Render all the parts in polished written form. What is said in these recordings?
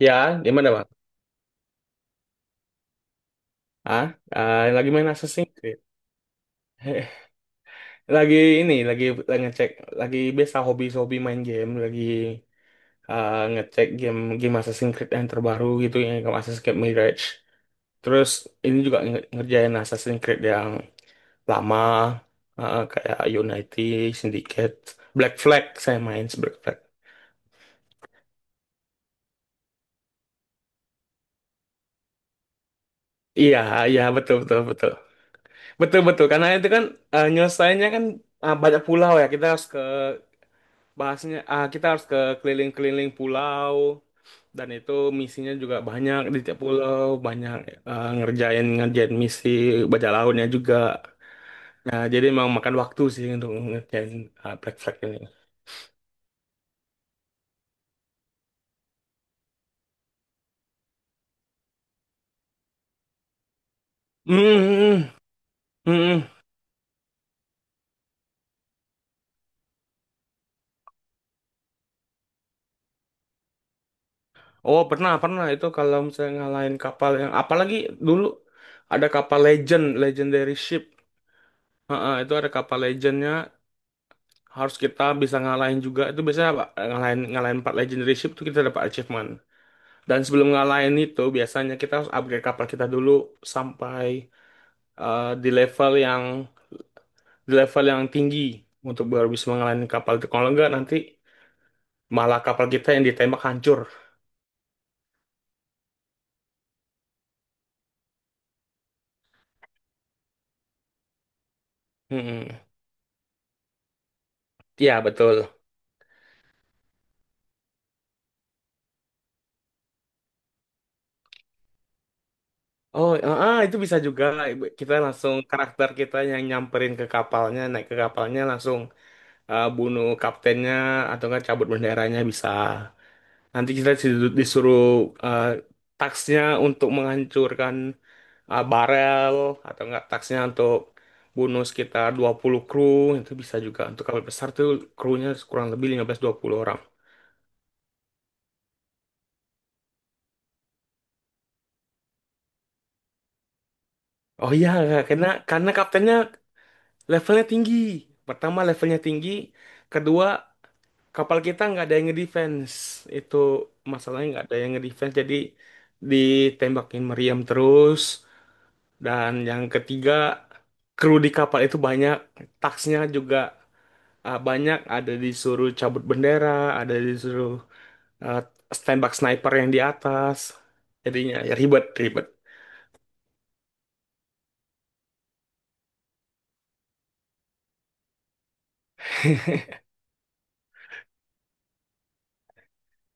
Ya, di mana bang? Ah, lagi main Assassin's Creed. Heh, Lagi ini, lagi ngecek, lagi biasa hobi-hobi main game, lagi ngecek game game Assassin's Creed yang terbaru gitu yang kayak Assassin's Creed Mirage. Terus ini juga ngerjain Assassin's Creed yang lama, kayak Unity, Syndicate, Black Flag. Saya main Black Flag. Iya, iya, betul, betul, betul, betul, betul, karena itu kan nyelesainya kan banyak pulau ya, kita harus ke bahasnya ah kita harus ke keliling-keliling pulau, dan itu misinya juga banyak, di tiap pulau banyak ngerjain ngerjain misi, baca lautnya juga. Nah, jadi memang makan waktu sih untuk ngerjain Black Flag ini. Hmm, hmm. Hmm, hmm, hmm. Oh, pernah, pernah. Itu kalau misalnya ngalahin kapal yang apalagi dulu, ada kapal legendary ship. Heeh, itu ada kapal legendnya, harus kita bisa ngalahin juga. Itu biasanya apa, ngalahin ngalahin empat legendary ship, itu kita dapat achievement. Dan sebelum ngalahin itu, biasanya kita harus upgrade kapal kita dulu sampai eh, di level yang di level yang tinggi untuk baru bisa ngalahin kapal itu. Kalau enggak nanti malah kapal kita yang ditembak hancur. Mm-mm. Iya, betul. Oh, itu bisa juga. Kita langsung karakter kita yang nyamperin ke kapalnya, naik ke kapalnya, langsung bunuh kaptennya, atau enggak cabut benderanya bisa. Nanti kita disuruh tasknya untuk menghancurkan barel, atau enggak taksnya untuk bunuh sekitar 20 kru. Itu bisa juga untuk kapal besar tuh, krunya kurang lebih 15-20 orang. Oh iya, karena kaptennya levelnya tinggi. Pertama levelnya tinggi, kedua kapal kita nggak ada yang ngedefense. Itu masalahnya, nggak ada yang ngedefense, jadi ditembakin meriam terus. Dan yang ketiga, kru di kapal itu banyak, taksnya juga banyak, ada disuruh cabut bendera, ada disuruh uh, tembak sniper yang di atas. Jadinya ya ribet, ribet.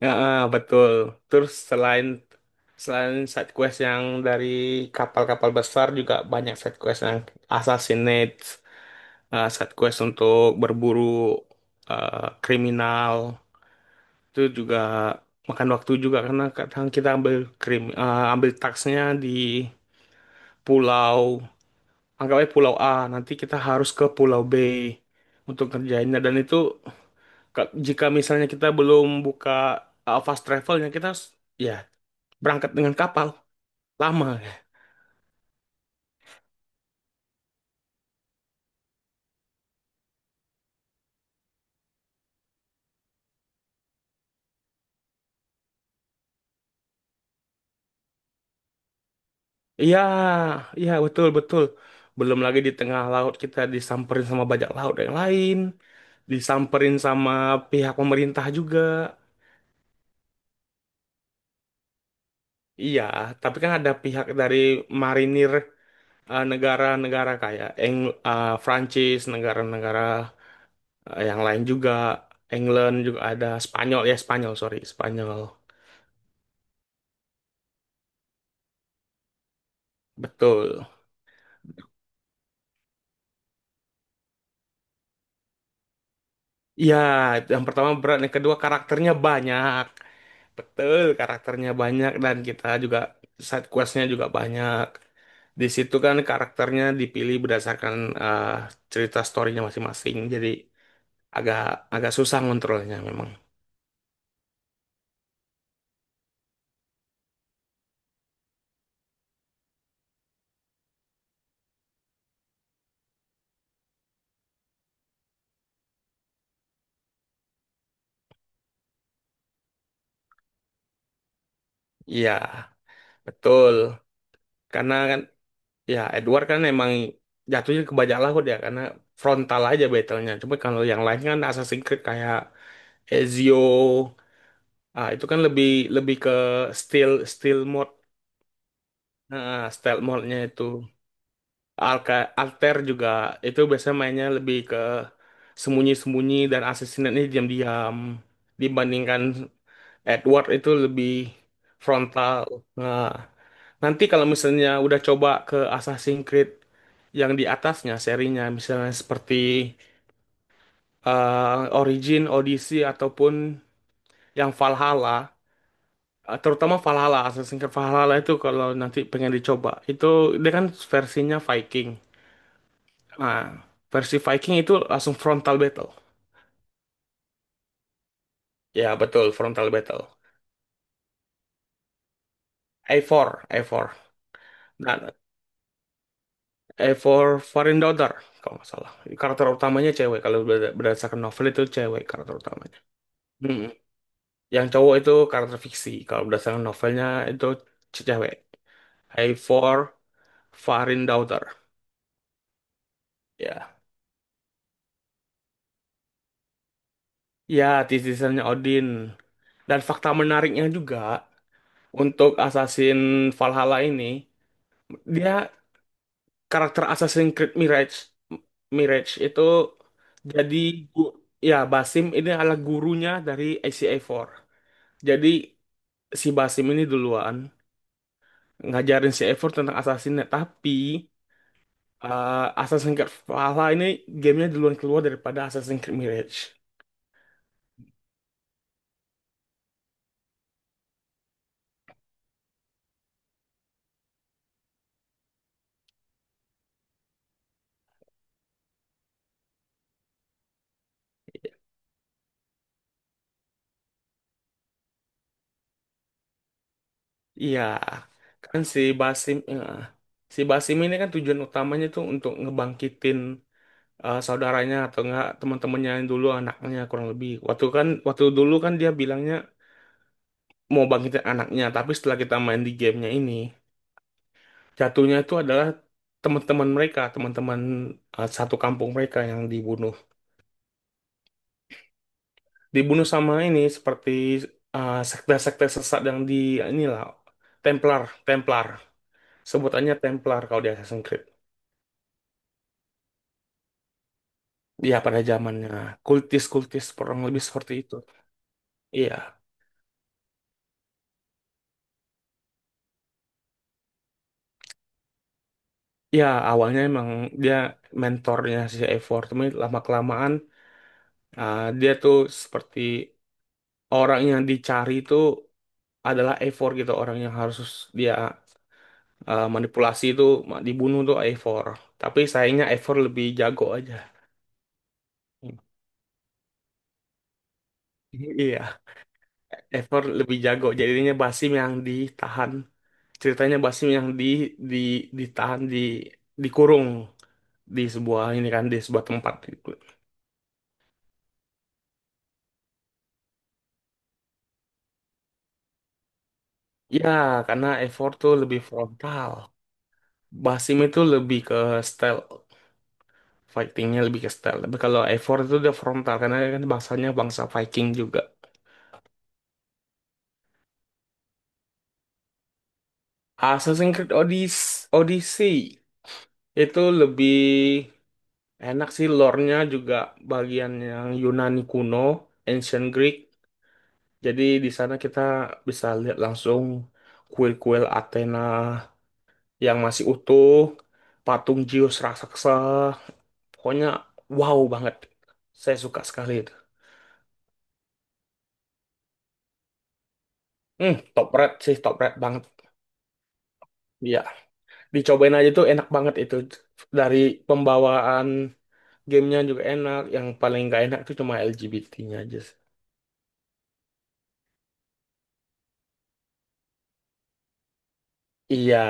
Ya, betul. Terus selain selain side quest yang dari kapal-kapal besar, juga banyak side quest yang assassinate, side quest untuk berburu kriminal. Itu juga makan waktu juga, karena kadang kita ambil krim ambil taksnya di pulau, anggapnya pulau A, nanti kita harus ke pulau B untuk ngerjainnya, dan itu jika misalnya kita belum buka fast travelnya, kita harus ya berangkat dengan kapal lama. Iya, iya, betul, betul. Belum lagi di tengah laut kita disamperin sama bajak laut yang lain, disamperin sama pihak pemerintah juga. Iya, tapi kan ada pihak dari marinir negara-negara kayak Prancis, negara-negara. Yang lain juga, England juga ada, Spanyol, ya Spanyol, sorry Spanyol, betul. Iya, itu yang pertama berat, yang kedua karakternya banyak, betul karakternya banyak, dan kita juga side questnya juga banyak. Di situ kan karakternya dipilih berdasarkan eh, cerita storynya masing-masing, jadi agak agak susah ngontrolnya memang. Iya, betul. Karena kan, ya Edward kan emang jatuhnya ke Bajak, dia karena frontal aja battle-nya. Cuma kalau yang lain kan Assassin's Creed kayak Ezio, itu kan lebih lebih ke stealth stealth mode, nah, stealth mode-nya itu. Alka, Alter juga itu biasanya mainnya lebih ke sembunyi-sembunyi dan assassinate-nya diam-diam, dibandingkan Edward itu lebih frontal. Nah. Nanti kalau misalnya udah coba ke Assassin's Creed yang di atasnya serinya, misalnya seperti Origin, Odyssey, ataupun yang Valhalla, terutama Valhalla, Assassin's Creed Valhalla itu, kalau nanti pengen dicoba, itu dia kan versinya Viking. Nah, versi Viking itu langsung frontal battle. Ya, betul, frontal battle. A4, A4. Nah, A4 Foreign Daughter, kalau nggak salah. Karakter utamanya cewek, kalau berdasarkan novel itu cewek karakter utamanya. Hmm. Yang cowok itu karakter fiksi. Kalau berdasarkan novelnya itu cewek. Hai for Farin Daughter. Ya. Ya, titisannya Odin. Dan fakta menariknya juga, untuk Assassin Valhalla ini, dia karakter Assassin's Creed Mirage. Mirage itu jadi gu- Ya Basim ini adalah gurunya dari ACA4. Jadi si Basim ini duluan ngajarin si A4 tentang assassinnya, tapi Eh, Assassin's Creed Valhalla ini gamenya duluan keluar daripada Assassin's Creed Mirage. Iya, kan si Basim ini kan tujuan utamanya tuh untuk ngebangkitin saudaranya atau enggak teman-temannya yang dulu, anaknya kurang lebih. Waktu kan, waktu dulu kan dia bilangnya mau bangkitin anaknya, tapi setelah kita main di gamenya ini, jatuhnya itu adalah teman-teman mereka, teman-teman satu kampung mereka yang dibunuh. Dibunuh sama ini seperti sekte-sekte sesat yang di inilah, Templar, Templar. Sebutannya Templar kalau di Assassin's Creed. Ya pada zamannya kultis-kultis kurang lebih seperti itu. Iya. Ya awalnya emang dia mentornya si Eivor, tapi lama kelamaan dia tuh seperti orang yang dicari itu adalah Eivor gitu, orang yang harus dia manipulasi, itu dibunuh tuh Eivor. Tapi sayangnya Eivor lebih jago aja. Iya. Ever lebih jago, jadinya Basim yang ditahan, ceritanya Basim yang di ditahan di dikurung di sebuah ini kan, di sebuah tempat gitu. Ya karena Ever tuh lebih frontal. Basim itu lebih ke stealth, fightingnya lebih ke stealth, tapi kalau Ever itu dia frontal karena dia kan bangsanya bangsa Viking juga. Assassin's Creed Odyssey. Odyssey itu lebih enak sih, lore-nya juga bagian yang Yunani kuno, Ancient Greek. Jadi di sana kita bisa lihat langsung kuil-kuil Athena yang masih utuh, patung Zeus raksasa. Pokoknya wow banget. Saya suka sekali itu. Hmm, top red sih, top red banget. Iya, dicobain aja tuh, enak banget itu. Dari pembawaan gamenya juga enak. Yang paling gak enak tuh cuma LGBT-nya aja sih. Iya,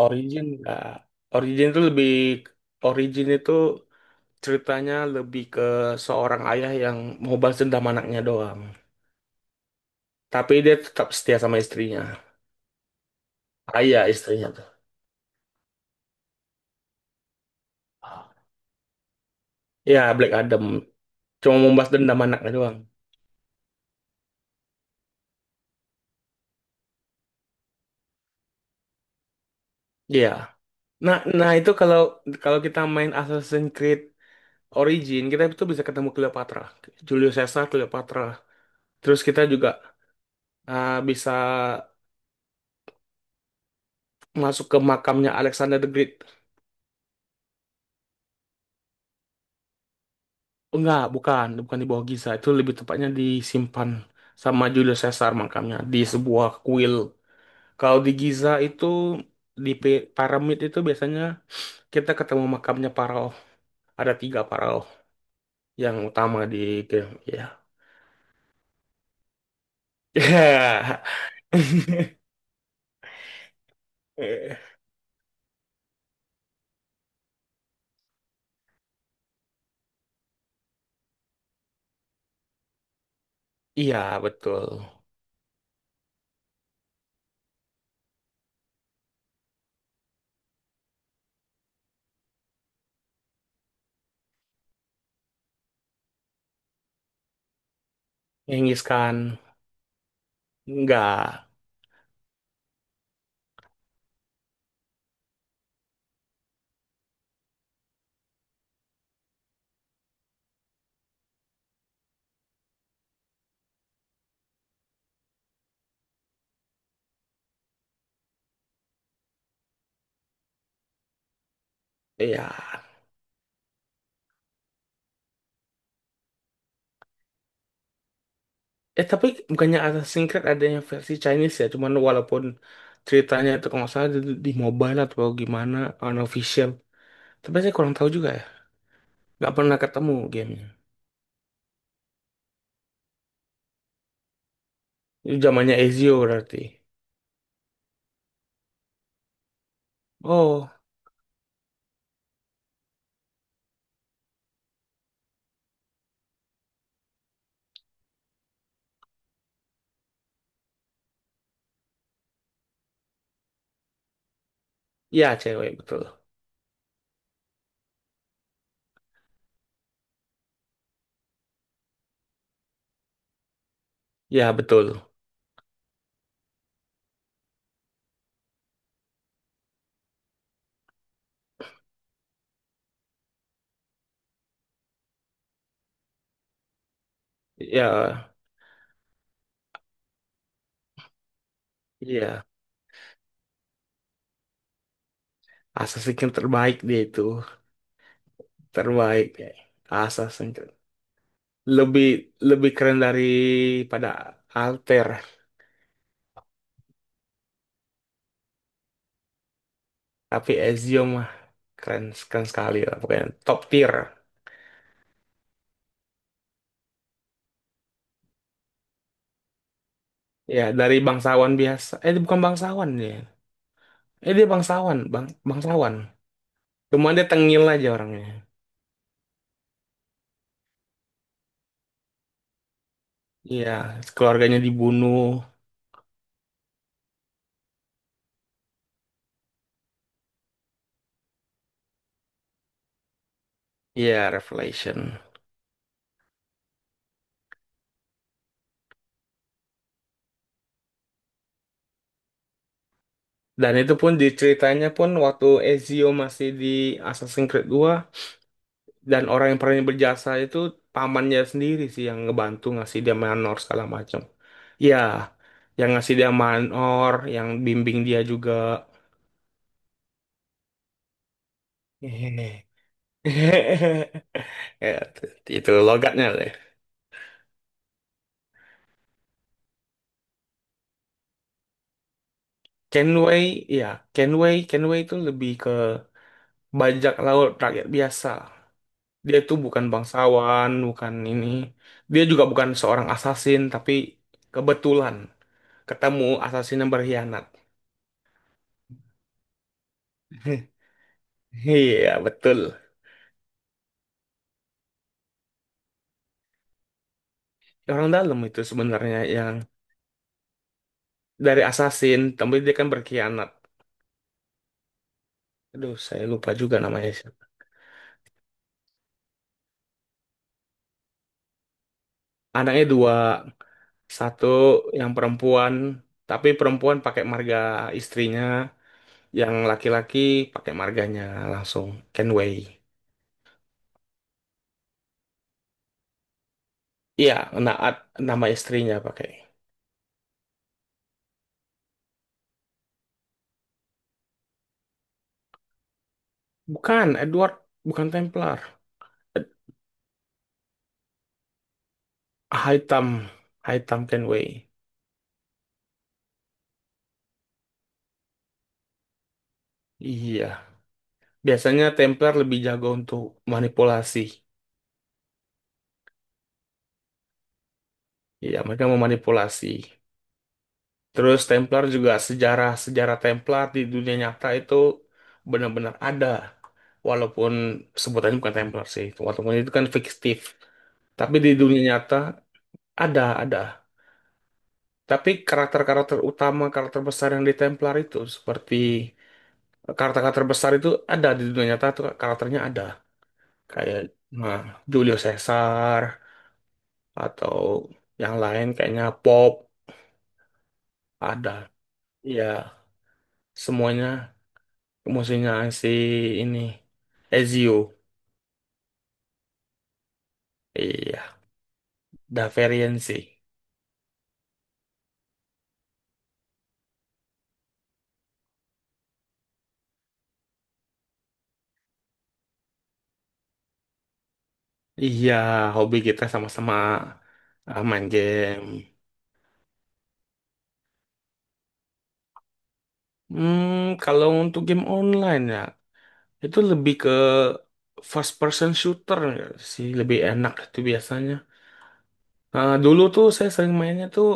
Origin nggak. Origin itu lebih, Origin itu, ceritanya lebih ke seorang ayah yang mau balas dendam anaknya doang. Tapi dia tetap setia sama istrinya. Ayah istrinya tuh. Ya, Black Adam. Cuma mau balas dendam anaknya doang. Iya. Nah, itu kalau kalau kita main Assassin's Creed Origin, kita itu bisa ketemu Cleopatra. Julius Caesar, Cleopatra. Terus kita juga bisa masuk ke makamnya Alexander the Great. Enggak, bukan, bukan di bawah Giza. Itu lebih tepatnya disimpan sama Julius Caesar, makamnya di sebuah kuil. Kalau di Giza itu di piramid itu biasanya kita ketemu makamnya Pharaoh. Ada tiga Pharaoh yang utama di, ya. Iya, betul. Genghis Khan. Enggak. Iya. Tapi bukannya Assassin's Creed ada yang versi Chinese ya? Cuman walaupun ceritanya itu kalau nggak salah di, mobile atau gimana, unofficial. Tapi saya kurang tahu juga ya. Nggak pernah ketemu gamenya. Itu zamannya Ezio berarti. Oh, ya cewek betul. Ya, betul. Ya, iya. Assassin's Creed terbaik dia itu. Terbaik ya. Assassin's Creed. Lebih lebih keren daripada Alter. Tapi Ezio mah keren, keren sekali lah. Pokoknya top tier. Ya, dari bangsawan biasa. Dia bukan bangsawan dia. Dia bangsawan, bangsawan. Cuma dia tengil aja orangnya. Iya, keluarganya dibunuh. Iya, Revelation. Dan itu pun di ceritanya pun waktu Ezio masih di Assassin's Creed dua, dan orang yang paling berjasa itu pamannya sendiri sih, yang ngebantu ngasih dia manor segala macam. Iya, yang ngasih dia manor, yang bimbing dia juga. Hehehe. Ya, itu logatnya. Kenway, ya, Kenway itu lebih ke bajak laut rakyat biasa. Dia itu bukan bangsawan, bukan ini. Dia juga bukan seorang assassin, tapi kebetulan ketemu assassin yang berkhianat. Iya, betul. Orang dalam itu sebenarnya yang dari assassin, tapi dia kan berkhianat. Aduh, saya lupa juga namanya siapa. Anaknya dua, satu yang perempuan, tapi perempuan pakai marga istrinya. Yang laki-laki pakai marganya langsung Kenway. Iya, Naat nama istrinya pakai. Bukan Edward, bukan Templar. Ed- Hitam, Hitam Kenway. Iya, biasanya Templar lebih jago untuk manipulasi. Iya, mereka memanipulasi. Terus Templar juga, sejarah-sejarah Templar di dunia nyata itu benar-benar ada. Walaupun sebutannya bukan Templar sih, walaupun itu kan fiktif. Tapi di dunia nyata ada, ada. Tapi karakter-karakter utama, karakter besar yang di Templar itu seperti karakter-karakter besar itu ada di dunia nyata tuh, karakternya ada. Kayak nah, Julio Caesar atau yang lain kayaknya Pop, ada. Iya, semuanya musuhnya si ini, Ezio. Iya, Daverian sih. Iya, hobi kita sama-sama main game. Hmm, kalau untuk game online ya, itu lebih ke first person shooter nggak sih, lebih enak itu biasanya. Nah, dulu tuh saya sering mainnya tuh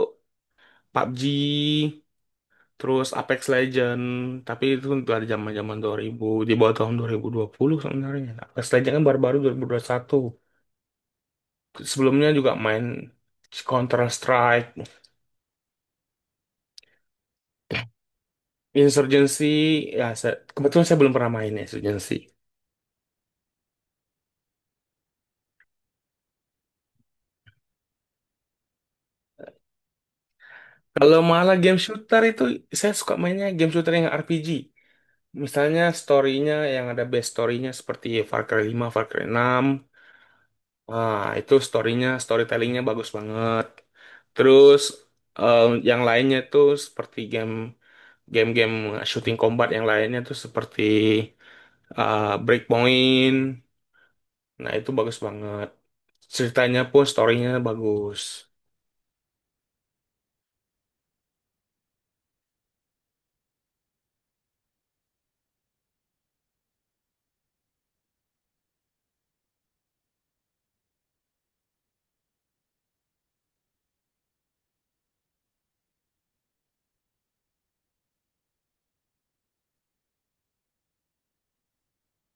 PUBG, terus Apex Legend, tapi itu untuk ada zaman-zaman 2000, di bawah tahun 2020 sebenarnya. Apex Legend kan baru-baru 2021. Sebelumnya juga main Counter Strike, Insurgency, ya saya, kebetulan saya belum pernah main Insurgency. Kalau malah game shooter itu saya suka mainnya game shooter yang RPG. Misalnya story-nya yang ada best story-nya seperti Far Cry 5, Far Cry 6. Ah, itu story-nya, storytelling-nya bagus banget. Terus eh, yang lainnya itu seperti game-game shooting combat yang lainnya tuh seperti Breakpoint. Nah, itu bagus banget. Ceritanya pun story-nya bagus.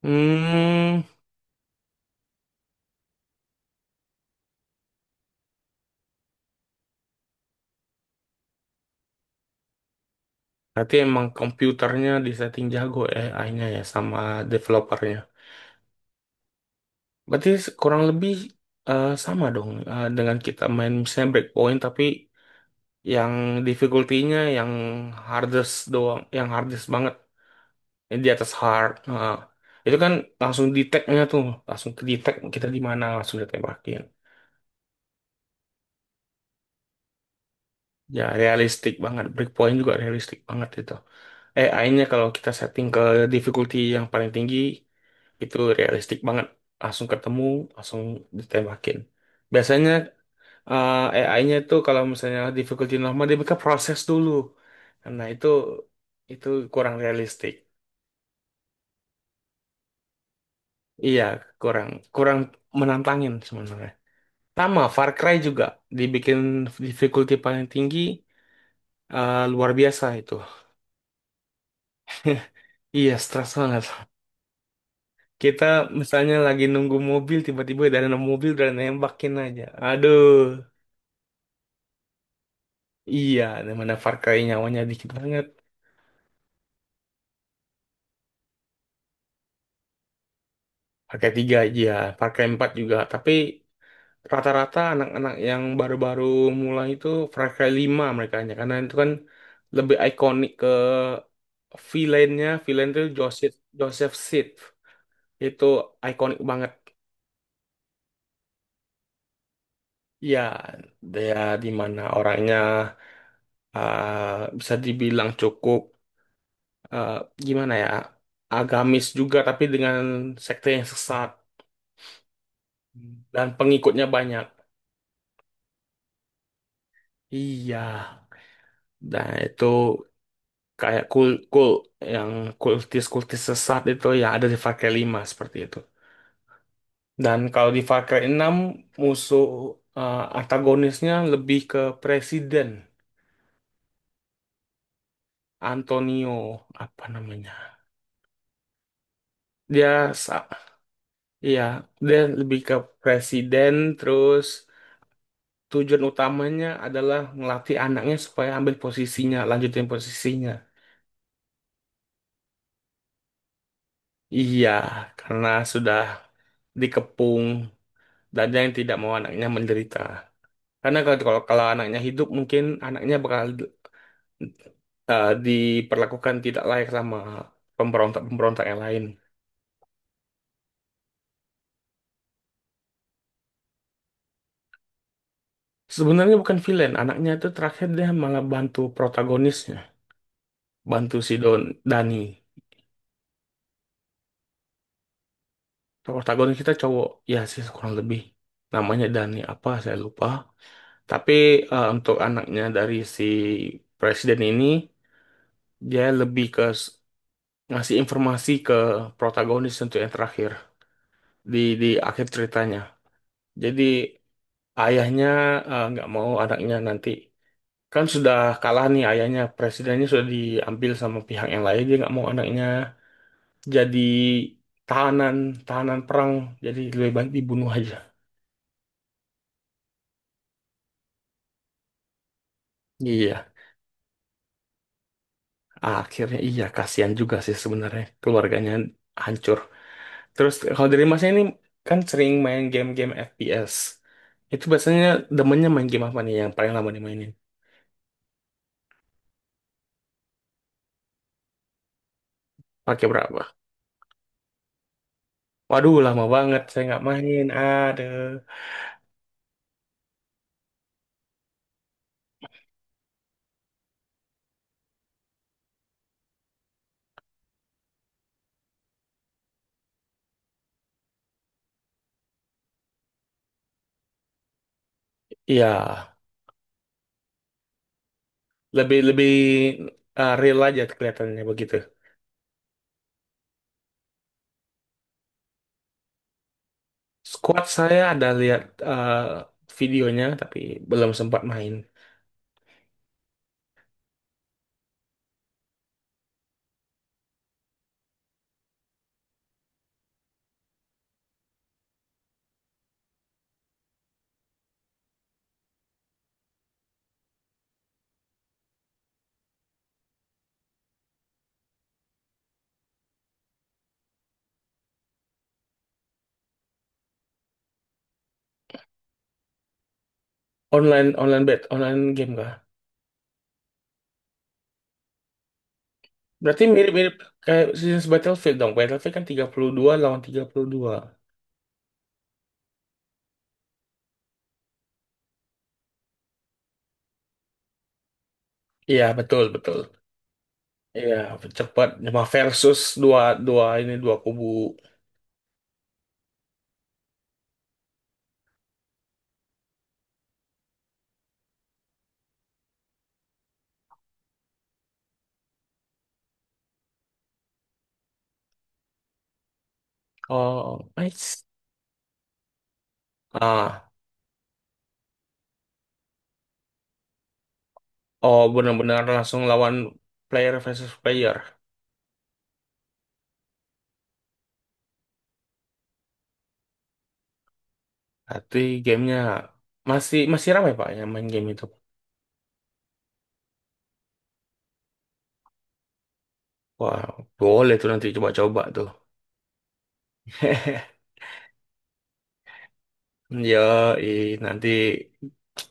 Hmm, berarti emang komputernya disetting jago ya AI-nya, ya sama developernya. Berarti kurang lebih sama dong dengan kita main misalnya breakpoint, tapi yang difficulty-nya yang hardest doang, yang hardest banget, yang di atas hard. Nah, itu kan langsung detect-nya tuh, langsung ke detect kita di mana, langsung ditembakin. Ya realistik banget, breakpoint juga realistik banget itu. AI-nya kalau kita setting ke difficulty yang paling tinggi itu realistik banget, langsung ketemu, langsung ditembakin. Biasanya eh, AI-nya itu kalau misalnya difficulty normal dia mereka proses dulu. Nah, itu kurang realistik. Iya, kurang kurang menantangin sebenarnya. Sama Far Cry juga dibikin difficulty paling tinggi, luar biasa itu. Iya, stres banget. Kita misalnya lagi nunggu mobil, tiba-tiba dari nemu mobil udah nembakin aja. Aduh. Iya, dimana Far Cry nyawanya dikit banget. Far Cry 3 iya, Far Cry 4 juga, tapi rata-rata anak-anak yang baru-baru mulai itu Far 5, mereka hanya karena itu kan lebih ikonik ke villainnya. Villain itu Joseph Joseph Seed itu ikonik banget. Ya, dia di mana orangnya, bisa dibilang cukup, eh, gimana ya, agamis juga tapi dengan sekte yang sesat dan pengikutnya banyak, iya. Nah, itu kayak yang kultis-kultis sesat itu, ya ada di Far Cry 5 seperti itu. Dan kalau di Far Cry 6, musuh, antagonisnya lebih ke presiden Antonio apa namanya. Dia sa- iya, dia lebih ke presiden, terus tujuan utamanya adalah ngelatih anaknya supaya ambil posisinya, lanjutin posisinya. Iya, karena sudah dikepung dan dia yang tidak mau anaknya menderita. Karena kalau kalau kalau anaknya hidup mungkin anaknya bakal, diperlakukan tidak layak sama pemberontak-pemberontak yang lain. Sebenarnya bukan villain, anaknya itu terakhir dia malah bantu protagonisnya, bantu si Dani. Protagonis kita cowok, ya sih kurang lebih. Namanya Dani apa, saya lupa. Tapi, untuk anaknya dari si presiden ini, dia lebih ke ngasih informasi ke protagonis untuk yang terakhir, di di akhir ceritanya. Jadi ayahnya, nggak mau anaknya nanti. Kan sudah kalah nih ayahnya, presidennya sudah diambil sama pihak yang lain, dia nggak mau anaknya jadi tahanan tahanan perang, jadi lebih baik dibunuh aja. Iya, akhirnya iya kasihan juga sih sebenarnya, keluarganya hancur. Terus kalau dari masnya ini kan sering main game-game FPS itu, biasanya demennya main game apa nih yang paling lama dimainin, pakai berapa? Waduh, lama banget saya nggak main. Aduh, iya, lebih lebih, real aja kelihatannya begitu. Squad saya ada lihat, eh, videonya tapi belum sempat main. Online online bet, online game kah? Berarti mirip-mirip kayak sejenis Battlefield dong. Battlefield kan 32 lawan 32. Iya, betul, betul. Iya, cepat, cuma versus dua dua ini dua kubu. Oh, nice. Ah, oh benar-benar langsung lawan player versus player. Berarti gamenya masih masih ramai, Pak, yang main game itu. Wah, boleh tuh nanti coba-coba tuh. Yoi, nanti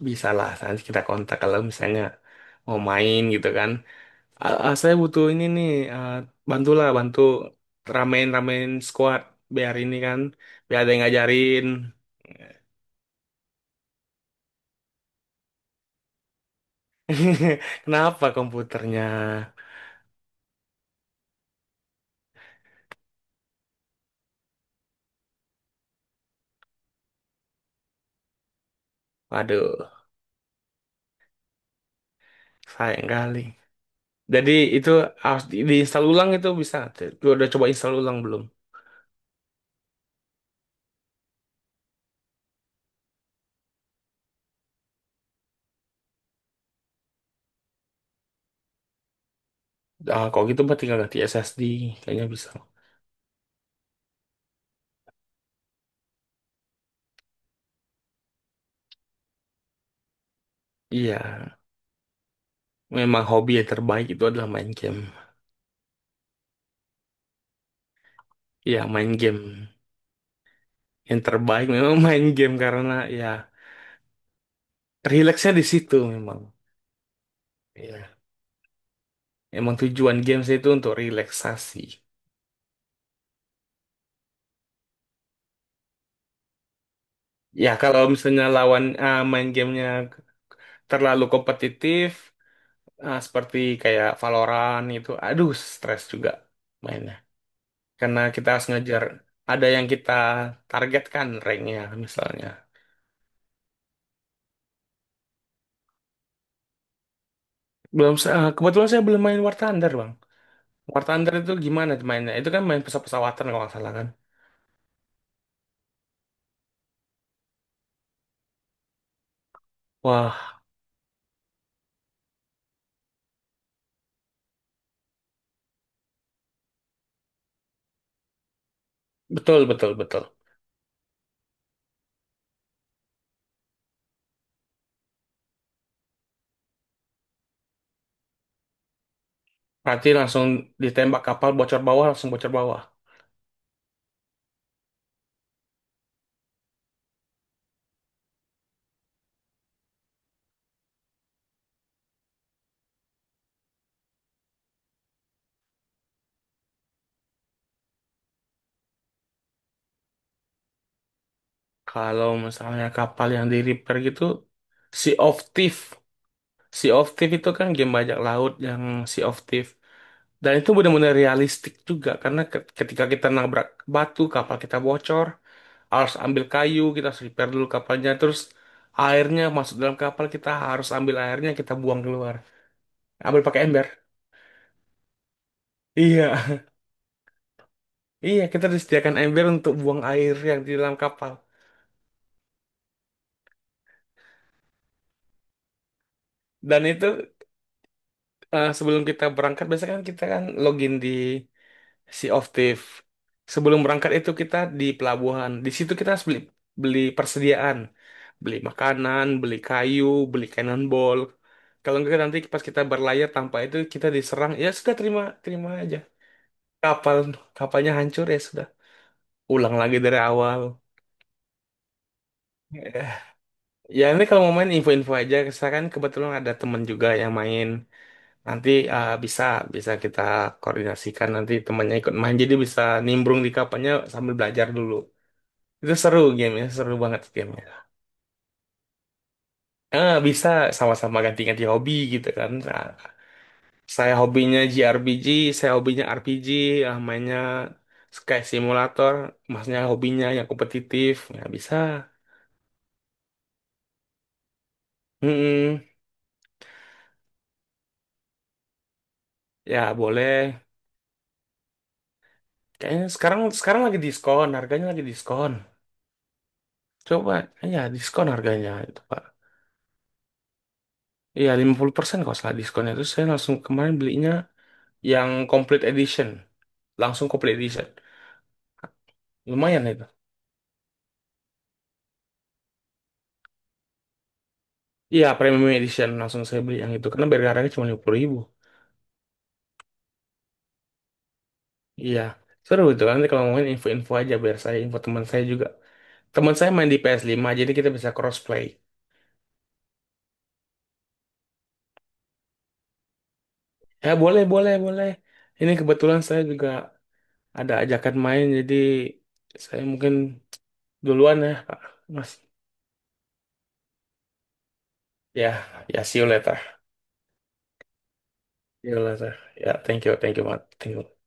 bisa lah, nanti kita kontak kalau misalnya mau main gitu kan. Ah, ah, saya butuh ini nih, ah, bantulah, bantu ramein-ramein squad biar ini kan, biar ada yang ngajarin. Kenapa komputernya? Waduh, sayang kali. Jadi itu harus diinstal ulang itu bisa. Tuh, udah coba install ulang belum? Ah, kalau gitu mah tinggal ganti SSD, kayaknya bisa. Iya, memang hobi yang terbaik itu adalah main game. Ya, main game. Yang terbaik memang main game karena ya, rileksnya di situ memang. Ya, emang tujuan games itu untuk relaksasi. Ya, kalau misalnya lawan, main gamenya terlalu kompetitif, seperti kayak Valorant itu, aduh, stres juga mainnya. Karena kita harus ngejar ada yang kita targetkan ranknya misalnya. Belum, kebetulan saya belum main War Thunder, Bang. War Thunder itu gimana mainnya? Itu kan main pesawat-pesawatan kalau nggak salah kan? Wah, betul, betul, betul. Berarti langsung ditembak kapal bocor bawah, langsung bocor bawah. Kalau misalnya kapal yang di repair gitu, Sea of Thief. Sea of Thief itu kan game bajak laut yang Sea of Thief. Dan itu benar-benar realistik juga, karena ketika kita nabrak batu, kapal kita bocor, harus ambil kayu, kita harus repair dulu kapalnya, terus airnya masuk dalam kapal, kita harus ambil airnya, kita buang keluar. Ambil pakai ember. Iya, iya kita disediakan ember untuk buang air yang di dalam kapal. Dan itu, sebelum kita berangkat, biasanya kan kita kan login di Sea of Thief. Sebelum berangkat itu kita di pelabuhan. Di situ kita harus beli beli persediaan, beli makanan, beli kayu, beli cannonball. Kalau enggak nanti pas kita berlayar tanpa itu kita diserang. Ya sudah, terima terima aja. Kapal kapalnya hancur ya sudah. Ulang lagi dari awal. Ya. Ya nanti kalau mau main info-info aja, saya kan kebetulan ada temen juga yang main. Nanti, bisa bisa kita koordinasikan, nanti temannya ikut main, jadi bisa nimbrung di kapannya sambil belajar dulu. Itu seru gamenya, seru banget gamenya. Bisa sama-sama ganti-ganti hobi gitu kan. Nah, saya hobinya JRPG, saya hobinya RPG, ah, mainnya Sky Simulator, masnya hobinya yang kompetitif, ya bisa. Mm-mm. Ya boleh. Kayaknya sekarang sekarang lagi diskon, harganya lagi diskon. Coba, ya diskon harganya itu, Pak. Iya, 50% kalau salah diskonnya. Terus saya langsung kemarin belinya yang complete edition. Langsung complete edition. Lumayan itu. Iya, premium edition langsung saya beli yang itu. Karena biar harganya cuma 50 ribu. Iya. Seru itu kan. Nanti kalau ngomongin info-info aja biar saya info teman saya juga. Teman saya main di PS5 jadi kita bisa crossplay. Ya boleh, boleh, boleh. Ini kebetulan saya juga ada ajakan main jadi saya mungkin duluan ya Pak. Mas. Ya, ya see you later. Yola, ya, thank you, Mat. Thank you.